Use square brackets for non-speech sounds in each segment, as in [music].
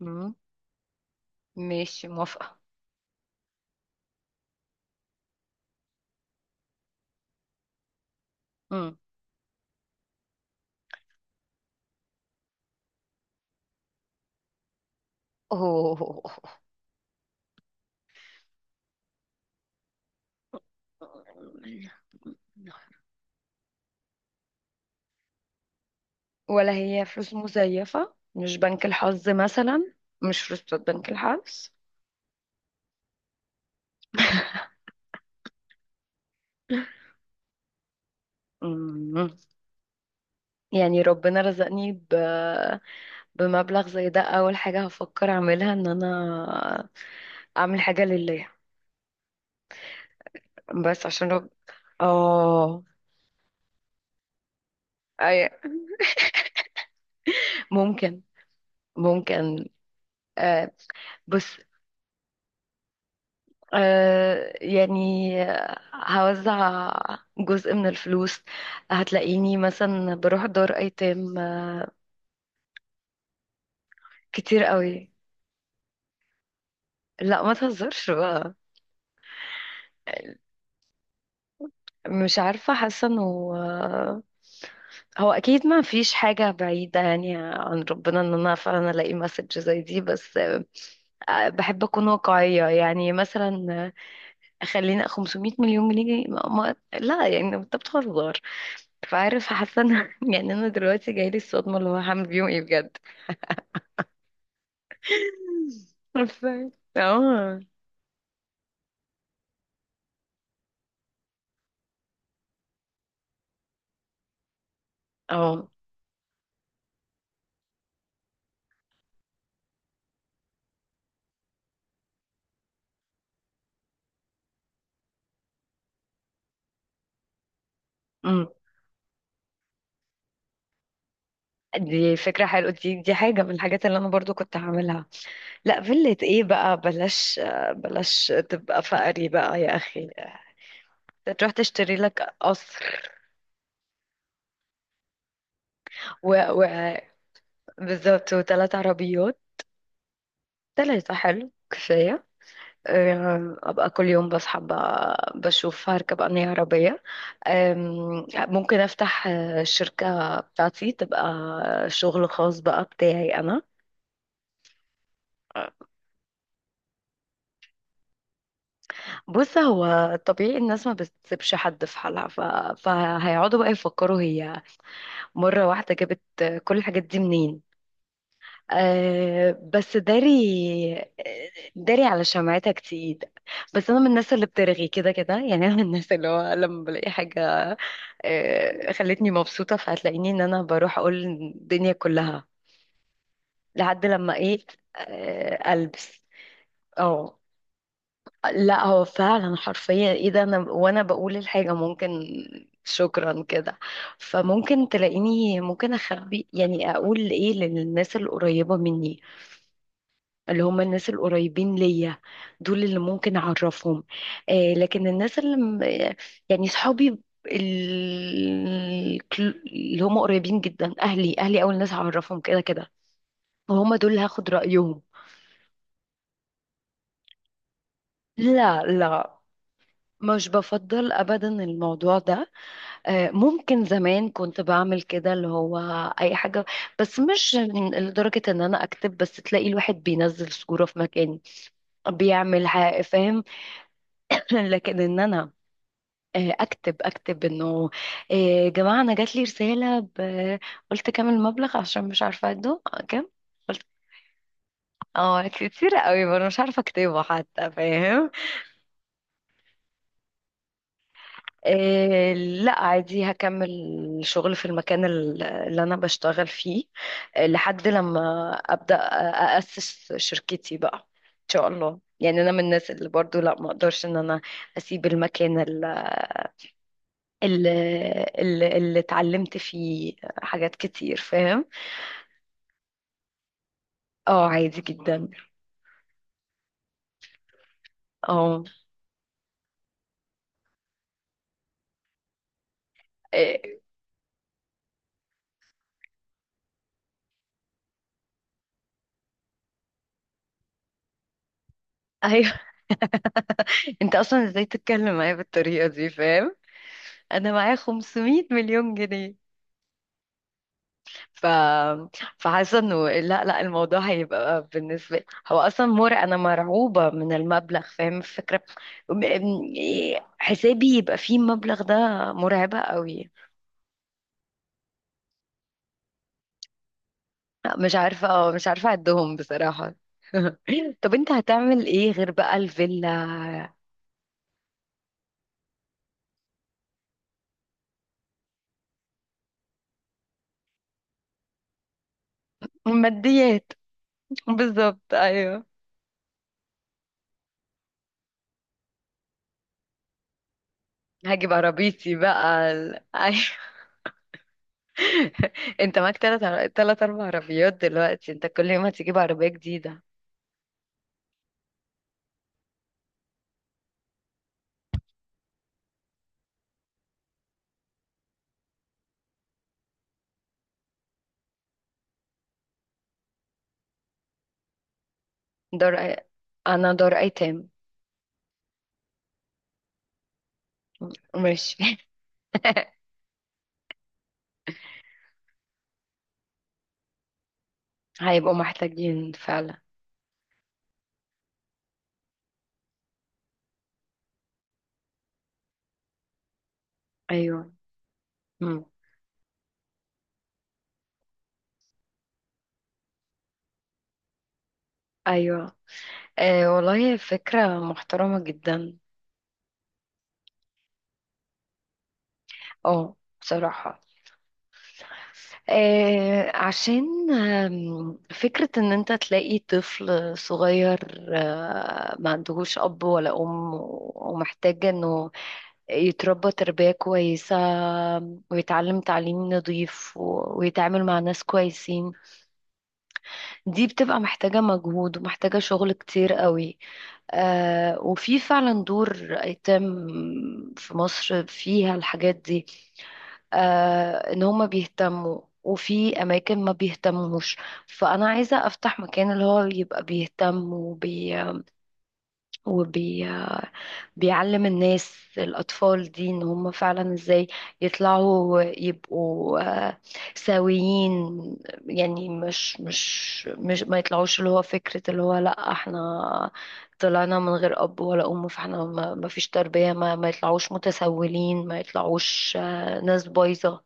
مم. ماشي، موافقة. مم. أوه. ولا هي فلوس مزيفة؟ مش بنك الحظ مثلا، مش فلوس بتاعت بنك الحظ. مم. يعني ربنا رزقني بمبلغ زي ده، أول حاجة هفكر أعملها إن أنا أعمل حاجة لله، بس عشان آه أي... ممكن، ممكن. آه. بس يعني هوزع جزء من الفلوس، هتلاقيني مثلا بروح دار ايتام. كتير قوي. لا ما تهزرش بقى. مش عارفة، حاسة انه، آه، هو اكيد ما فيش حاجة بعيدة يعني عن ربنا ان انا فعلا الاقي مسج زي دي، بس بحب اكون واقعية يعني. مثلا، خلينا 500 مليون جنيه. لا يعني انت بتهزر. فعارف، حاسه ان، [laughs] يعني انا دلوقتي جايلي الصدمه اللي هو هعمل بيهم ايه بجد. [laughs] ف- اه، اه. أمم. دي فكرة حلوة، دي حاجة من الحاجات اللي أنا برضو كنت هعملها. لا، فيلة إيه بقى، بلاش، بلاش تبقى فقري بقى يا أخي. تروح تشتري لك قصر. و... و... بالظبط، وثلاث عربيات. ثلاثة حلو، كفاية. ابقى كل يوم بصحى بشوف هركب انهي عربيه. ممكن افتح الشركه بتاعتي، تبقى شغل خاص بقى بتاعي انا. بص، هو طبيعي الناس ما بتسيبش حد في حالها، فهيقعدوا بقى يفكروا هي مرة واحدة جابت كل الحاجات دي منين. أه بس داري، آه، داري على شمعتها كتير. بس انا من الناس اللي بترغي كده كده، يعني انا من الناس اللي هو لما بلاقي حاجة خلتني مبسوطة، فهتلاقيني ان انا بروح اقول الدنيا كلها لحد لما ايه البس. اه، لا هو فعلا حرفيا، ايه ده، انا وانا بقول الحاجة ممكن، شكرا كده. فممكن تلاقيني ممكن اخبي، يعني اقول ايه للناس القريبة مني، اللي هم الناس القريبين ليا، دول اللي ممكن اعرفهم. آه، لكن الناس اللي يعني صحابي، ال- اللي هم قريبين جدا، اهلي. اهلي اول ناس هعرفهم كده كده، وهم دول اللي هاخد رايهم. لا، مش بفضل ابدا الموضوع ده. ممكن زمان كنت بعمل كده، اللي هو اي حاجه، بس مش لدرجه ان انا اكتب. بس تلاقي الواحد بينزل صوره في مكان بيعمل فاهم. [laughs] لكن ان انا اكتب انه يا جماعه انا جات لي رساله قلت كام المبلغ عشان مش عارفه اده كام. اه كتير قوي، وانا مش عارفه اكتبه حتى، فاهم. لا عادي هكمل شغل في المكان اللي انا بشتغل فيه لحد لما ابدا اسس شركتي بقى ان شاء الله. يعني انا من الناس اللي برضو لا، ما اقدرش ان انا اسيب المكان اللي اتعلمت فيه حاجات كتير، فاهم. اه، عادي جدا. اه. إيه، ايوه. [laughs] انت اصلا ازاي تتكلم معايا بالطريقه دي؟ فاهم، انا معايا 500 مليون جنيه. ف فحاسه انه لا الموضوع هيبقى بالنسبه لي، هو اصلا مر، انا مرعوبه من المبلغ، فاهم الفكره. إيه، حسابي يبقى فيه المبلغ ده، مرعبه قوي. مش عارفه، اه مش عارفه اعدهم بصراحه. [laughs] طب انت هتعمل ايه غير بقى الفيلا؟ الماديات، بالظبط ايوه. هجيب عربيتي بقى [laughs] أيوة. انت معاك تلات اربع عربيات دلوقتي، انت كل يوم هتجيب عربية جديدة. دار انا دار ايتام. ماشي. [laughs] هيبقوا محتاجين فعلا. ايوه. مم. ايوه، آه والله فكرة محترمة جدا. اه بصراحة، عشان فكرة ان انت تلاقي طفل صغير آه ما عندهوش اب ولا ام، ومحتاج انه يتربى تربية كويسة، ويتعلم تعليم نظيف ويتعامل مع ناس كويسين. دي بتبقى محتاجة مجهود، ومحتاجة شغل كتير قوي. آه وفي فعلا دور أيتام في مصر فيها الحاجات دي، آه إن هما بيهتموا، وفي أماكن ما بيهتموش. فأنا عايزة أفتح مكان اللي هو يبقى بيهتم وبي... بيعلم الناس، الأطفال دي إن هم فعلا إزاي يطلعوا يبقوا آه، سويين. يعني مش ما يطلعوش، اللي هو فكرة اللي هو لأ احنا طلعنا من غير أب ولا أم، فاحنا ما ما فيش تربية. ما يطلعوش متسولين، ما يطلعوش ناس بايظة،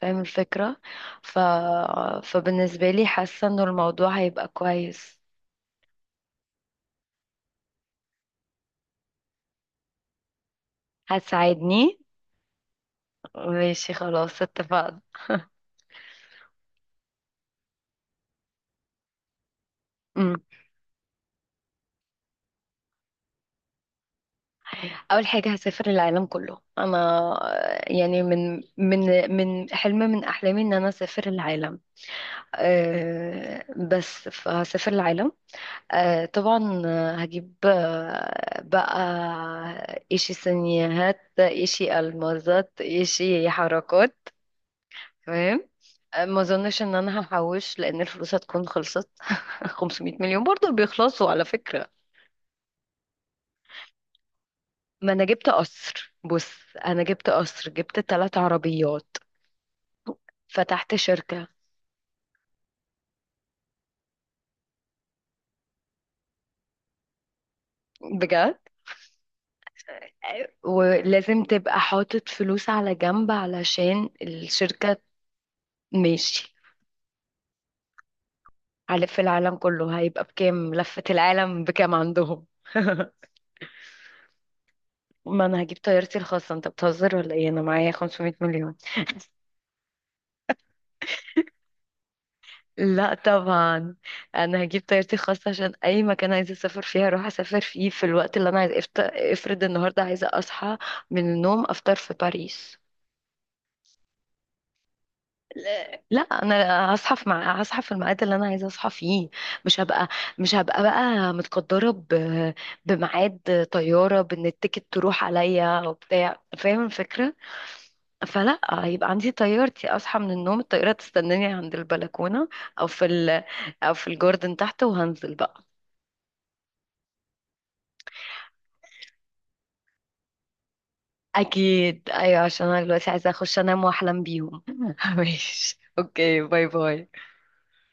فاهم الفكرة. ف... فبالنسبة لي حاسة إنه الموضوع هيبقى كويس. هتساعدني؟ ماشي خلاص، اتفقنا. اول حاجه هسافر العالم كله انا، يعني من حلم من احلامي ان انا اسافر العالم. أه بس، فهسافر العالم. أه طبعا هجيب بقى ايشي سينيهات، ايشي المازات، ايشي حركات. تمام. ما اظنش ان انا هحوش، لان الفلوس هتكون خلصت. [laughs] 500 مليون برضو بيخلصوا على فكره. ما انا جبت قصر، بص انا جبت قصر، جبت ثلاث عربيات، فتحت شركة، بجد. ولازم تبقى حاطط فلوس على جنب علشان الشركة. ماشي، هلف العالم كله. هيبقى بكام لفة العالم، بكام عندهم؟ [laughs] ما انا هجيب طيارتي الخاصة، انت بتهزر ولا ايه؟ انا معايا 500 مليون. لا طبعا، انا هجيب طيارتي الخاصة، عشان اي مكان عايزة اسافر فيه هروح اسافر فيه في الوقت اللي انا عايزة. افرض النهاردة عايزة اصحى من النوم، افطر في باريس. لا انا هصحى في هصحى في الميعاد اللي انا عايزه اصحى فيه. مش هبقى، مش هبقى بقى متقدره بميعاد طياره، بان التيكت تروح عليا وبتاع، فاهم الفكره. فلا، هيبقى عندي طيارتي، اصحى من النوم الطياره تستناني عند البلكونه، او في او في الجاردن تحت، وهنزل بقى. اكيد، ايوه، عشان انا دلوقتي عايزه اخش انام واحلم بيهم. [laughs] ماشي اوكي، باي باي.